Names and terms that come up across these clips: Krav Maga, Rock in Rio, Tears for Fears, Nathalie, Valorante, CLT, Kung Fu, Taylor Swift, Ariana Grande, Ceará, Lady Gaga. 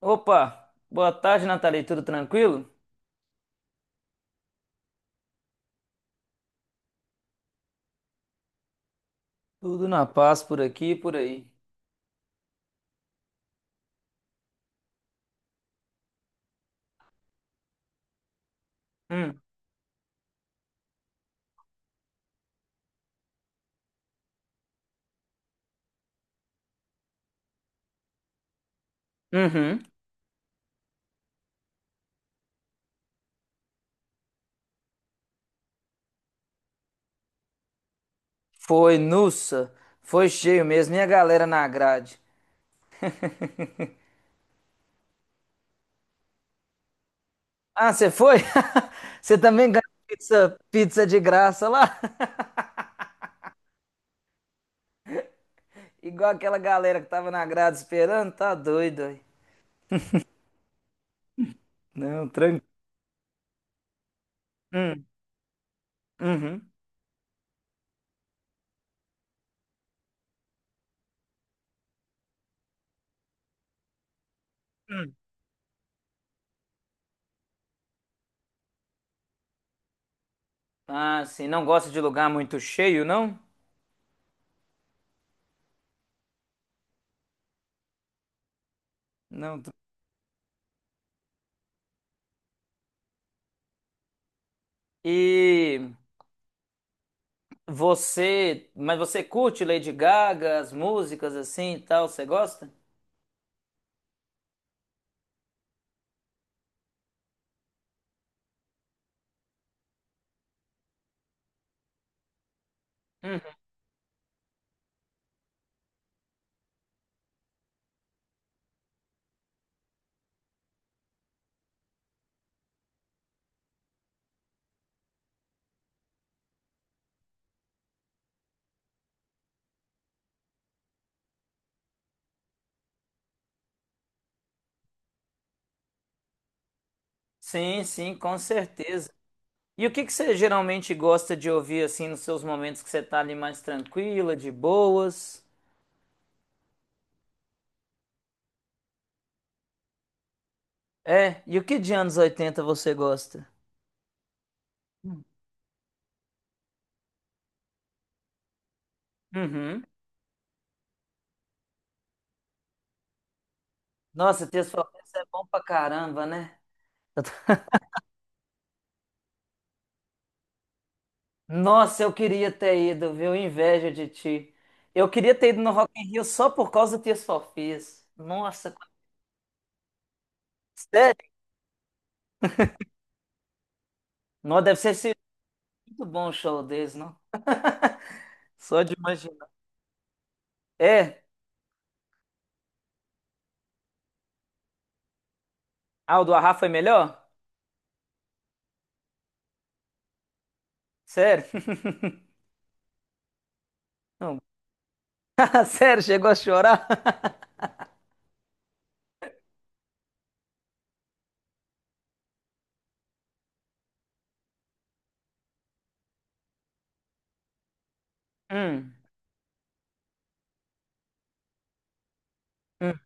Opa, boa tarde, Nathalie. Tudo tranquilo? Tudo na paz por aqui e por aí. Hum. Uhum. Foi, nussa. Foi cheio mesmo. E a galera na grade? Ah, você foi? Você também ganhou pizza de graça lá? Igual aquela galera que tava na grade esperando? Tá doido aí. Não, tranquilo. Hum. Uhum. Hum. Ah, sim. Não gosta de lugar muito cheio, não? Não. E. Mas você curte Lady Gaga, as músicas assim e tal, você gosta? Uhum. Sim, sim, com certeza. E o que que você geralmente gosta de ouvir assim nos seus momentos que você tá ali mais tranquila, de boas? É, e o que de anos 80 você gosta? Uhum. Nossa, Tears for Fears é bom pra caramba, né? Eu tô- Nossa, eu queria ter ido, viu? Inveja de ti. Eu queria ter ido no Rock in Rio só por causa do Tears for Fears. Nossa, sério? Não, deve ser muito bom o show deles, não? Só de imaginar. É? Ah, o do Arrá foi melhor? Sério? Não. Sério, chegou a chorar? Hum, hum.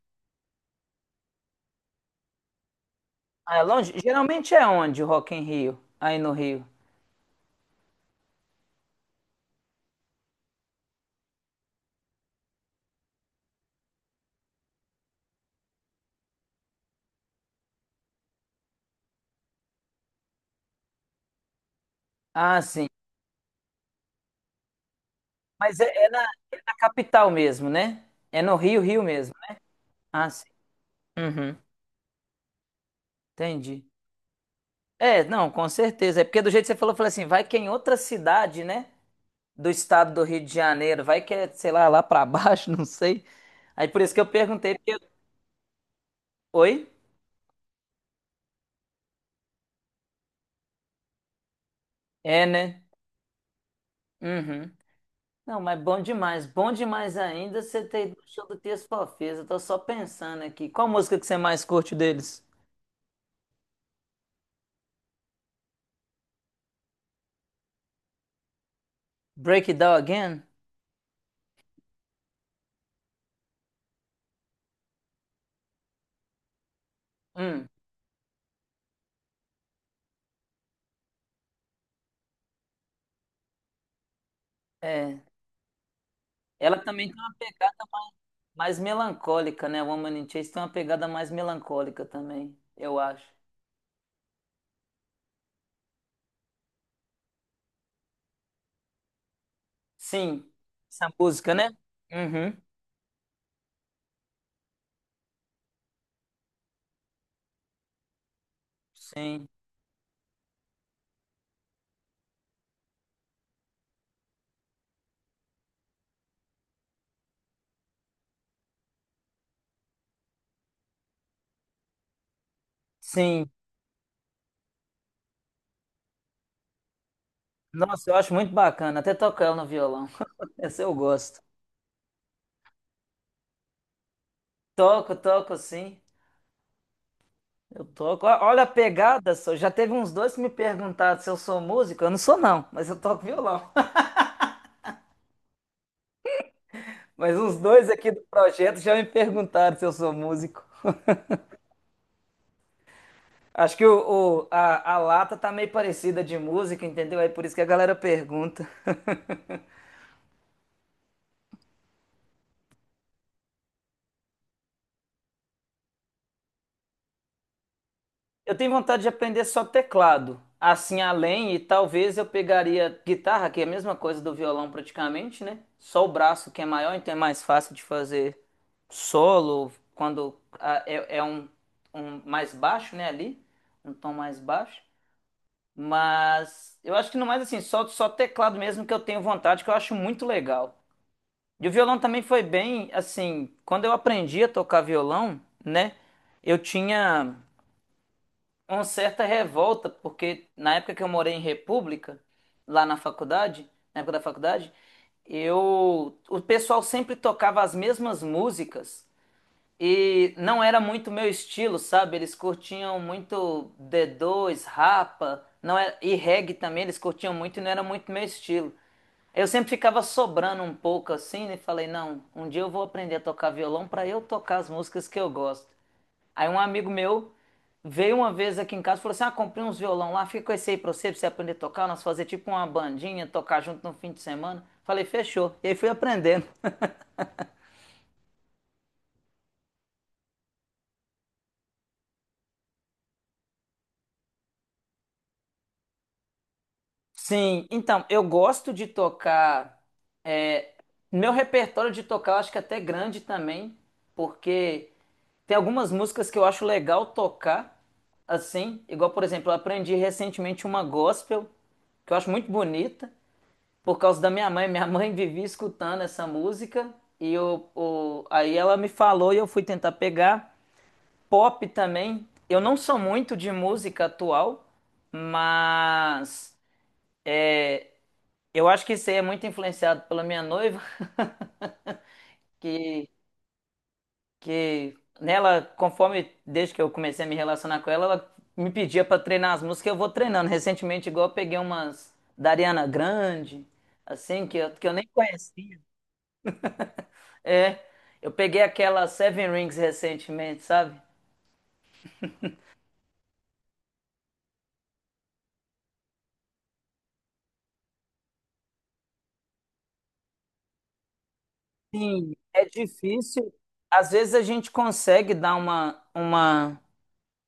Ah, é longe? Geralmente é onde o Rock em Rio? Aí no Rio. Ah, sim. Mas é na capital mesmo, né? É no Rio, Rio mesmo, né? Ah, sim. Uhum. Entendi. É, não, com certeza. É porque do jeito que você falou, eu falei assim, vai que é em outra cidade, né? Do estado do Rio de Janeiro. Vai que é, sei lá, lá pra baixo, não sei. Aí por isso que eu perguntei, porque. Oi? É, né? Uhum. Não, mas bom demais. Bom demais ainda você ter ido no show do Tears for Fears. Eu tô só pensando aqui. Qual música que você mais curte deles? Break It Down Again? Hum, é. Ela também tem uma pegada mais melancólica, né? Woman in Chains tem uma pegada mais melancólica também, eu acho. Sim, essa música, né? Uhum. Sim, sim. Nossa, eu acho muito bacana. Até toco ela no violão. Essa eu gosto. Toco, toco, sim. Eu toco. Olha a pegada só. Já teve uns dois que me perguntaram se eu sou músico. Eu não sou, não, mas eu toco violão. Mas uns dois aqui do projeto já me perguntaram se eu sou músico. Acho que a lata tá meio parecida de música, entendeu? É por isso que a galera pergunta. Eu tenho vontade de aprender só teclado. Assim, além, e talvez eu pegaria guitarra, que é a mesma coisa do violão praticamente, né? Só o braço que é maior, então é mais fácil de fazer solo, quando é um mais baixo, né? Ali, um tom mais baixo. Mas eu acho que no mais, assim, só teclado mesmo que eu tenho vontade, que eu acho muito legal. E o violão também foi bem, assim, quando eu aprendi a tocar violão, né? Eu tinha uma certa revolta, porque na época que eu morei em República, lá na faculdade, na época da faculdade, o pessoal sempre tocava as mesmas músicas e não era muito meu estilo, sabe? Eles curtiam muito D2, Rapa, não era, e reggae também, eles curtiam muito e não era muito meu estilo. Eu sempre ficava sobrando um pouco assim e falei, não, um dia eu vou aprender a tocar violão para eu tocar as músicas que eu gosto. Aí um amigo meu veio uma vez aqui em casa e falou assim: Ah, comprei uns violão lá, fica com esse aí pra você, aprender a tocar. Nós fazer tipo uma bandinha, tocar junto no fim de semana. Falei, fechou. E aí fui aprendendo. Sim, então, eu gosto de tocar. é, Meu repertório de tocar eu acho que é até grande também, porque tem algumas músicas que eu acho legal tocar, assim, igual, por exemplo, eu aprendi recentemente uma gospel, que eu acho muito bonita, por causa da minha mãe. Minha mãe vivia escutando essa música e aí ela me falou e eu fui tentar pegar. Pop também. Eu não sou muito de música atual, mas é, eu acho que isso aí é muito influenciado pela minha noiva, que, que nela, conforme desde que eu comecei a me relacionar com ela, ela me pedia para treinar as músicas, eu vou treinando. Recentemente, igual eu peguei umas da Ariana Grande, assim, que eu nem conhecia. É, eu peguei aquela Seven Rings recentemente, sabe? Sim, é difícil. Às vezes a gente consegue dar uma, uma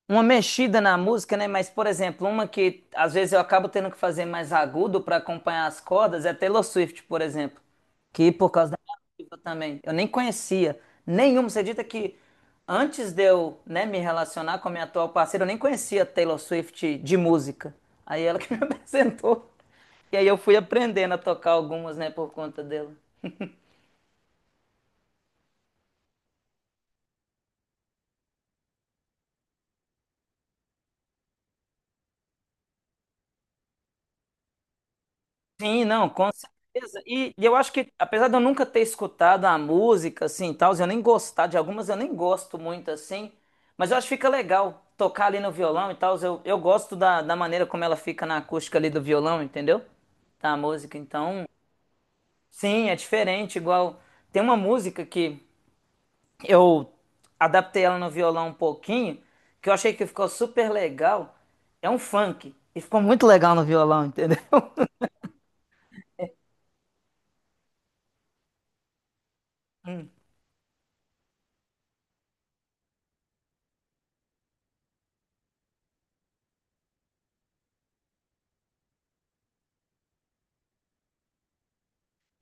uma mexida na música, né? Mas, por exemplo, uma que às vezes eu acabo tendo que fazer mais agudo para acompanhar as cordas é Taylor Swift, por exemplo. Que por causa da minha noiva também. Eu nem conhecia nenhuma. Você acredita que antes de eu, né, me relacionar com a minha atual parceira, eu nem conhecia Taylor Swift de música. Aí ela que me apresentou. E aí eu fui aprendendo a tocar algumas, né, por conta dela. Sim, não, com certeza. E eu acho que, apesar de eu nunca ter escutado a música, assim, e tal, eu nem gostar de algumas, eu nem gosto muito, assim, mas eu acho que fica legal tocar ali no violão e tal, eu gosto da maneira como ela fica na acústica ali do violão, entendeu? Da música, então, sim, é diferente, igual, tem uma música que eu adaptei ela no violão um pouquinho, que eu achei que ficou super legal, é um funk, e ficou muito legal no violão, entendeu?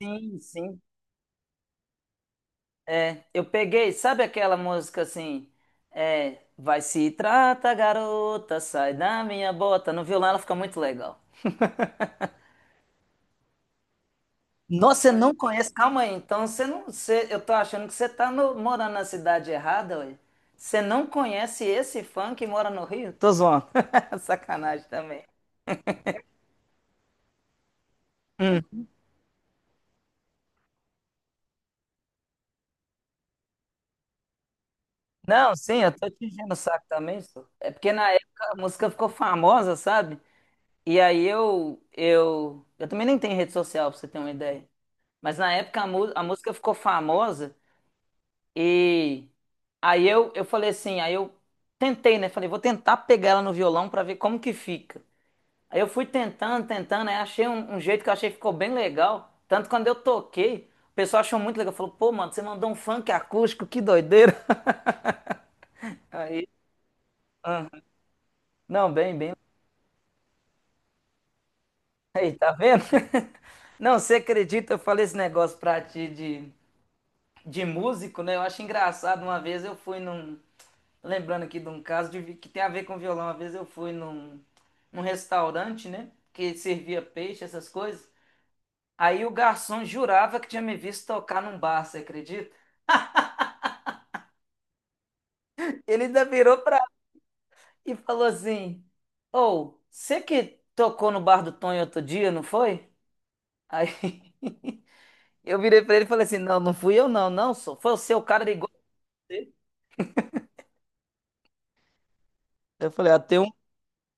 Sim, sim. Eu peguei, sabe aquela música assim? É, vai se trata, garota, sai da minha bota. No violão ela fica muito legal. Nossa, você não conhece? Calma aí, então você não. Eu tô achando que você tá morando na cidade errada, ué. Você não conhece esse funk que mora no Rio? Tô zoando. Sacanagem também. Hum. Não, sim, eu tô te enchendo o saco também, só. É porque na época a música ficou famosa, sabe? E aí eu também nem tenho rede social, pra você ter uma ideia. Mas na época a música ficou famosa e aí eu falei assim, aí eu tentei, né? Falei, vou tentar pegar ela no violão pra ver como que fica. Aí eu fui tentando, tentando, aí achei um jeito que eu achei que ficou bem legal. Tanto que quando eu toquei, o pessoal achou muito legal. Falou, pô, mano, você mandou um funk acústico, que doideira. Aí, aham. Não, bem, bem. Aí, tá vendo? Não, você acredita? Eu falei esse negócio pra ti de músico, né? Eu acho engraçado. Uma vez eu fui num, Lembrando aqui de um caso que tem a ver com violão. Uma vez eu fui num, restaurante, né? Que servia peixe, essas coisas. Aí o garçom jurava que tinha me visto tocar num bar, você acredita? Ele ainda virou pra e falou assim: Ô, você que tocou no bar do Tonho outro dia, não foi? Aí eu virei pra ele e falei assim: Não, não fui eu, não, não, só foi o seu cara era igual a você. Eu falei: Ah,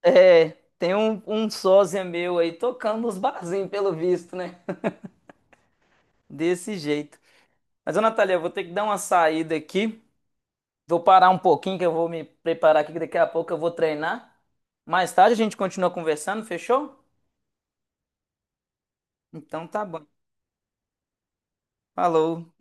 é, tem um sósia meu aí tocando nos barzinhos, pelo visto, né? Desse jeito. Mas, ô Natália, eu vou ter que dar uma saída aqui. Vou parar um pouquinho que eu vou me preparar aqui, que daqui a pouco eu vou treinar. Mais tarde a gente continua conversando, fechou? Então tá bom. Falou.